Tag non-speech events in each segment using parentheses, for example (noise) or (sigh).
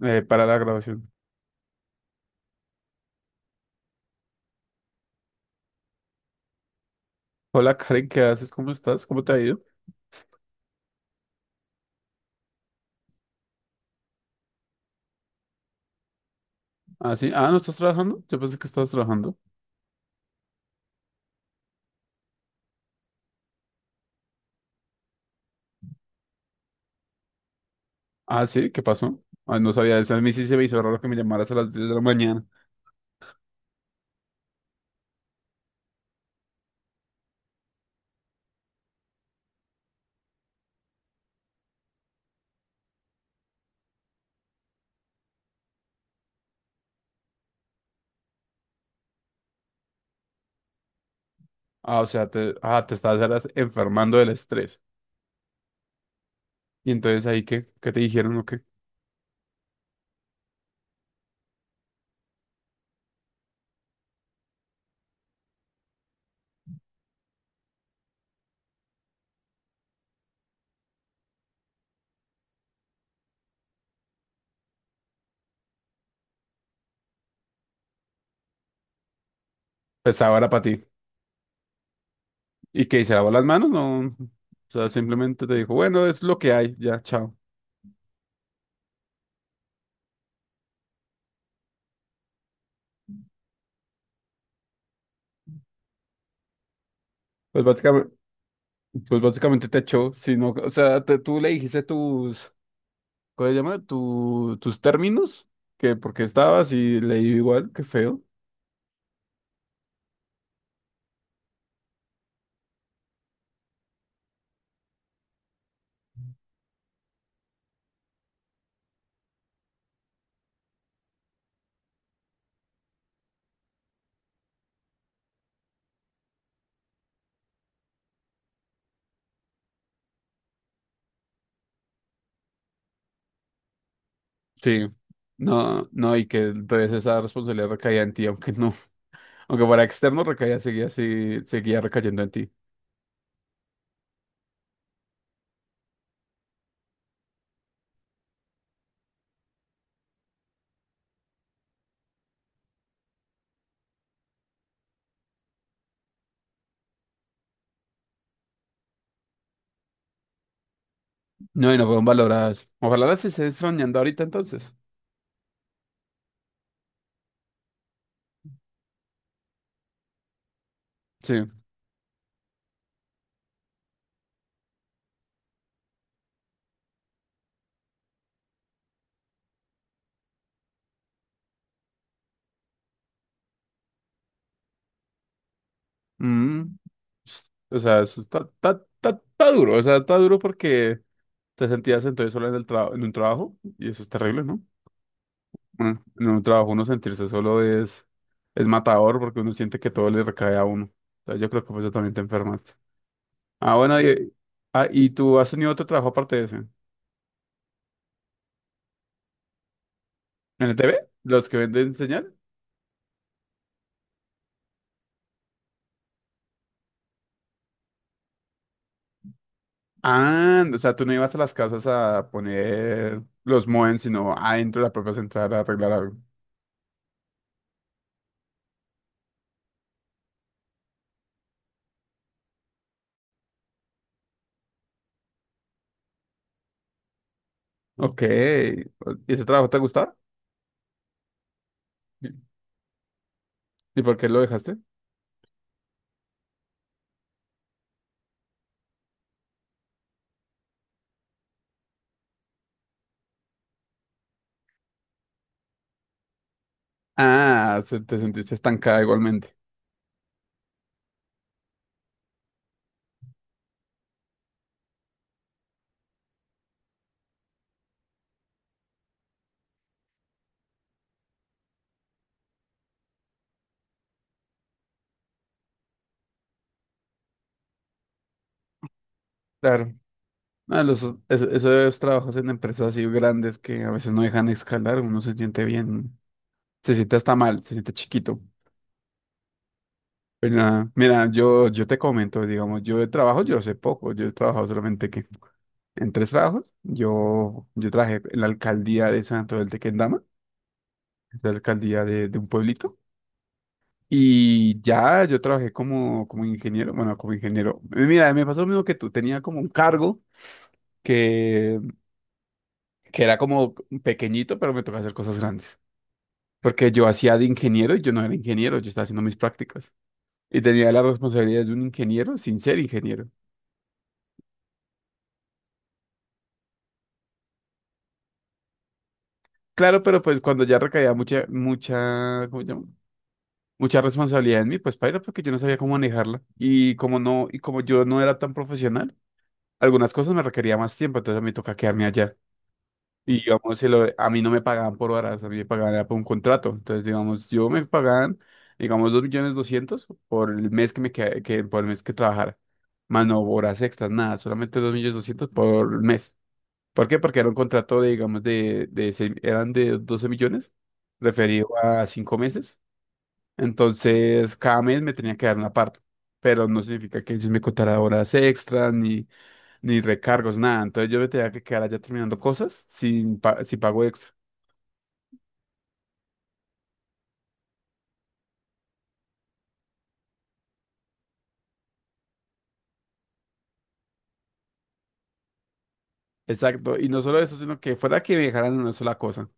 Para la grabación. Hola Karen, ¿qué haces? ¿Cómo estás? ¿Cómo te ha ido? Ah, sí. Ah, ¿no estás trabajando? Yo pensé que estabas trabajando. Ah, sí, ¿qué pasó? Ah, no sabía eso. A mí sí se me hizo raro que me llamaras a las diez de la mañana. Ah, o sea, te estabas era enfermando del estrés. Y entonces ahí, ¿qué te dijeron o qué? Pesaba era para ti. ¿Y qué? ¿Se lavó las manos? No. O sea, simplemente te dijo, bueno, es lo que hay, ya, chao. Pues básicamente, pues básicamente te echó, sino, o sea, tú le dijiste tus, ¿Cómo se llama? ¿Tus términos? Que porque estabas y leí igual, qué feo. Sí. No, y que entonces esa responsabilidad recaía en ti, aunque no, (laughs) aunque para externo recaía, seguía así, seguía recayendo en ti. No, y no fueron valoradas. Ojalá las estés extrañando ahorita entonces. Sí. Mm. O sea, eso está duro, o sea, está duro porque te sentías entonces solo en el trabajo, en un trabajo, y eso es terrible, ¿no? Bueno, en un trabajo uno sentirse solo es matador porque uno siente que todo le recae a uno. O sea, yo creo que por eso también te enfermaste. Ah, bueno, y, ah, ¿y tú has tenido otro trabajo aparte de ese? ¿En el T V? ¿Los que venden señal? Ah, o sea, tú no ibas a las casas a poner los modem, sino adentro de la propia central a arreglar algo. Ok. ¿Y ese trabajo te gustaba? ¿Y y por qué lo dejaste? Ah, te sentiste estancada igualmente. Claro. No, los, es- Esos trabajos en empresas así grandes que a veces no dejan escalar, uno se siente bien, se siente hasta mal, se siente chiquito. Pero nada, mira, yo te comento, digamos, yo de trabajo yo sé poco, yo he trabajado solamente que en tres trabajos, yo trabajé en la alcaldía de Santo del Tequendama, la alcaldía de un pueblito, y ya yo trabajé como, como ingeniero, bueno, como ingeniero. Mira, me pasó lo mismo que tú, tenía como un cargo que, que era como pequeñito, pero me tocaba hacer cosas grandes. Porque yo hacía de ingeniero y yo no era ingeniero, yo estaba haciendo mis prácticas. Y tenía las responsabilidades de un ingeniero sin ser ingeniero. Claro, pero pues cuando ya recaía mucha, ¿cómo se llama? Mucha responsabilidad en mí, pues paila, porque yo no sabía cómo manejarla. Y como no, y como yo no era tan profesional, algunas cosas me requería más tiempo, entonces me toca quedarme allá. Y digamos, a mí no me pagaban por horas, a mí me pagaban era por un contrato. Entonces, digamos, yo me pagaban, digamos, 2 millones doscientos por el mes que me queda- que, por el mes que trabajara. Más no horas extras, nada, solamente 2 millones doscientos por mes. ¿Por qué? Porque era un contrato de, digamos, eran de 12 millones, referido a 5 meses. Entonces, cada mes me tenía que dar una parte. Pero no significa que ellos me contara horas extras, ni recargos, nada. Entonces yo me tenía que quedar allá terminando cosas sin, sin pago extra. Exacto. Y no solo eso, sino que fuera que me dejaran una sola cosa.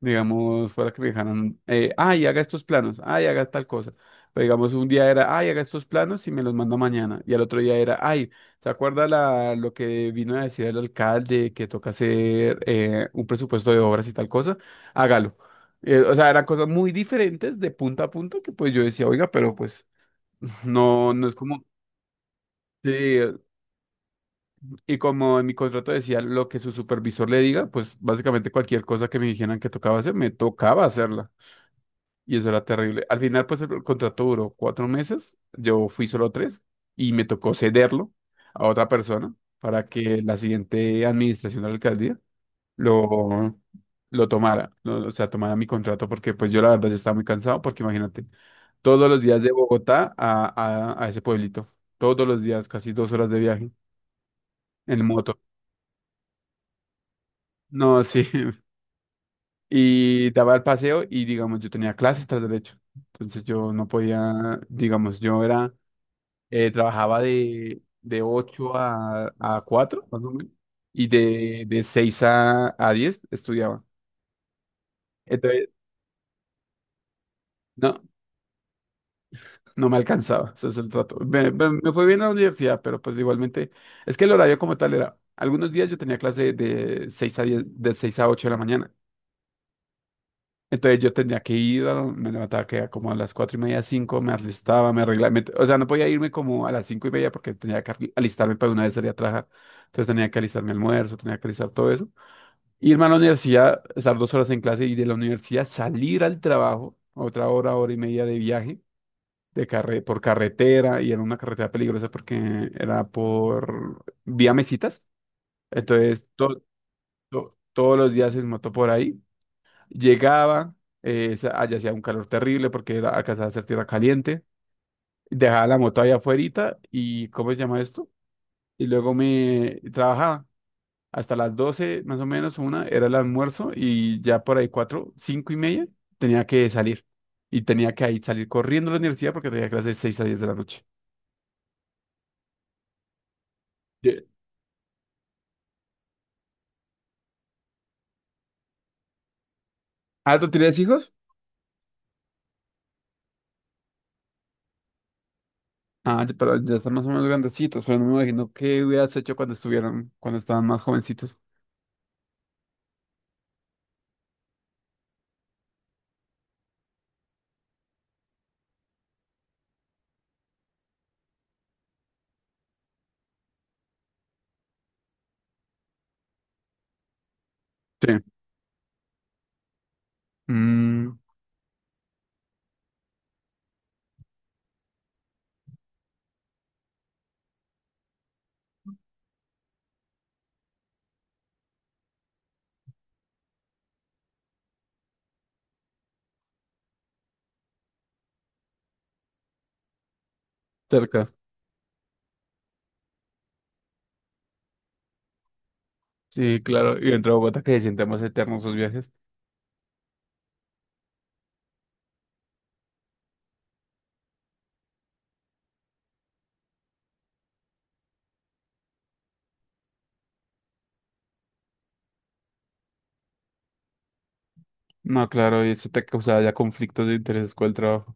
Digamos, fuera que me dejaran, ay, haga estos planos, ay, haga tal cosa. Pero digamos, un día era, ay, haga estos planos y me los manda mañana. Y al otro día era, ay, ¿se acuerda lo que vino a decir el alcalde que toca hacer un presupuesto de obras y tal cosa? Hágalo. O sea, eran cosas muy diferentes de punta a punta que pues yo decía, oiga, pero pues (laughs) no es como... Sí, y como en mi contrato decía lo que su supervisor le diga, pues básicamente cualquier cosa que me dijeran que tocaba hacer, me tocaba hacerla. Y eso era terrible. Al final, pues el contrato duró cuatro meses, yo fui solo tres y me tocó cederlo a otra persona para que la siguiente administración de la alcaldía lo, lo tomara, o sea, tomara mi contrato porque pues yo la verdad ya estaba muy cansado porque imagínate, todos los días de Bogotá a ese pueblito, todos los días, casi dos horas de viaje en moto. No, sí. (laughs) Y daba el paseo y, digamos, yo tenía clases tras derecho. Entonces yo no podía, digamos, yo era, trabajaba de 8 a 4 más o menos, y de 6 a 10 estudiaba. Entonces, no, no me alcanzaba, ese es el trato. Me fue bien a la universidad, pero pues igualmente, es que el horario como tal era, algunos días yo tenía clase de 6 a 10 de 6 a 8 de la mañana, Entonces yo tenía que ir, me levantaba que era como a las cuatro y media, cinco, me alistaba, me arreglaba, o sea, no podía irme como a las cinco y media porque tenía que alistarme para una vez salir a trabajar. Entonces tenía que alistar mi almuerzo, tenía que alistar todo eso. Irme a la universidad, estar dos horas en clase y de la universidad salir al trabajo, otra hora, hora y media de viaje, de carre por carretera y era una carretera peligrosa porque era por vía Mesitas. Entonces todos los días en moto por ahí. Llegaba, allá hacía un calor terrible porque era, alcanzaba a ser tierra caliente. Dejaba la moto allá afuera y, ¿cómo se llama esto? Y luego me trabajaba hasta las 12 más o menos, una era el almuerzo y ya por ahí cuatro, cinco y media tenía que salir. Y tenía que ahí salir corriendo a la universidad porque tenía clases de 6 a 10 de la noche. Ye- ¿Ah, tú tienes hijos? Ah, pero ya están más o menos grandecitos, pero no me imagino qué hubieras hecho cuando estuvieran, cuando estaban más jovencitos. Sí. Mm, cerca. Sí, claro, y entre Bogotá que se sienten más eternos sus viajes. No, claro, y eso te causaba ya conflictos de intereses con el trabajo.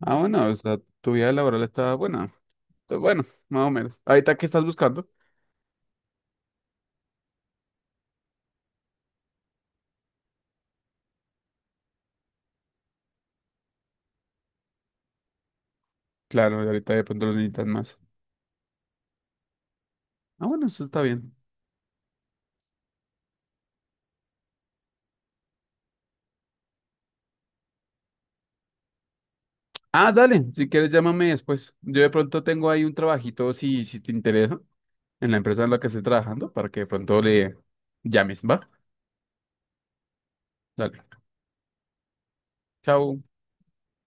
Ah, bueno, o sea, tu vida laboral está buena. Está Bueno, más o menos. Ahorita, ¿qué estás buscando? Claro, y ahorita de pronto lo necesitan más. Ah, bueno, eso está bien. Ah, dale, si quieres llámame después. Yo de pronto tengo ahí un trabajito, si te interesa, en la empresa en la que estoy trabajando, para que de pronto le llames, ¿va? Dale, chao.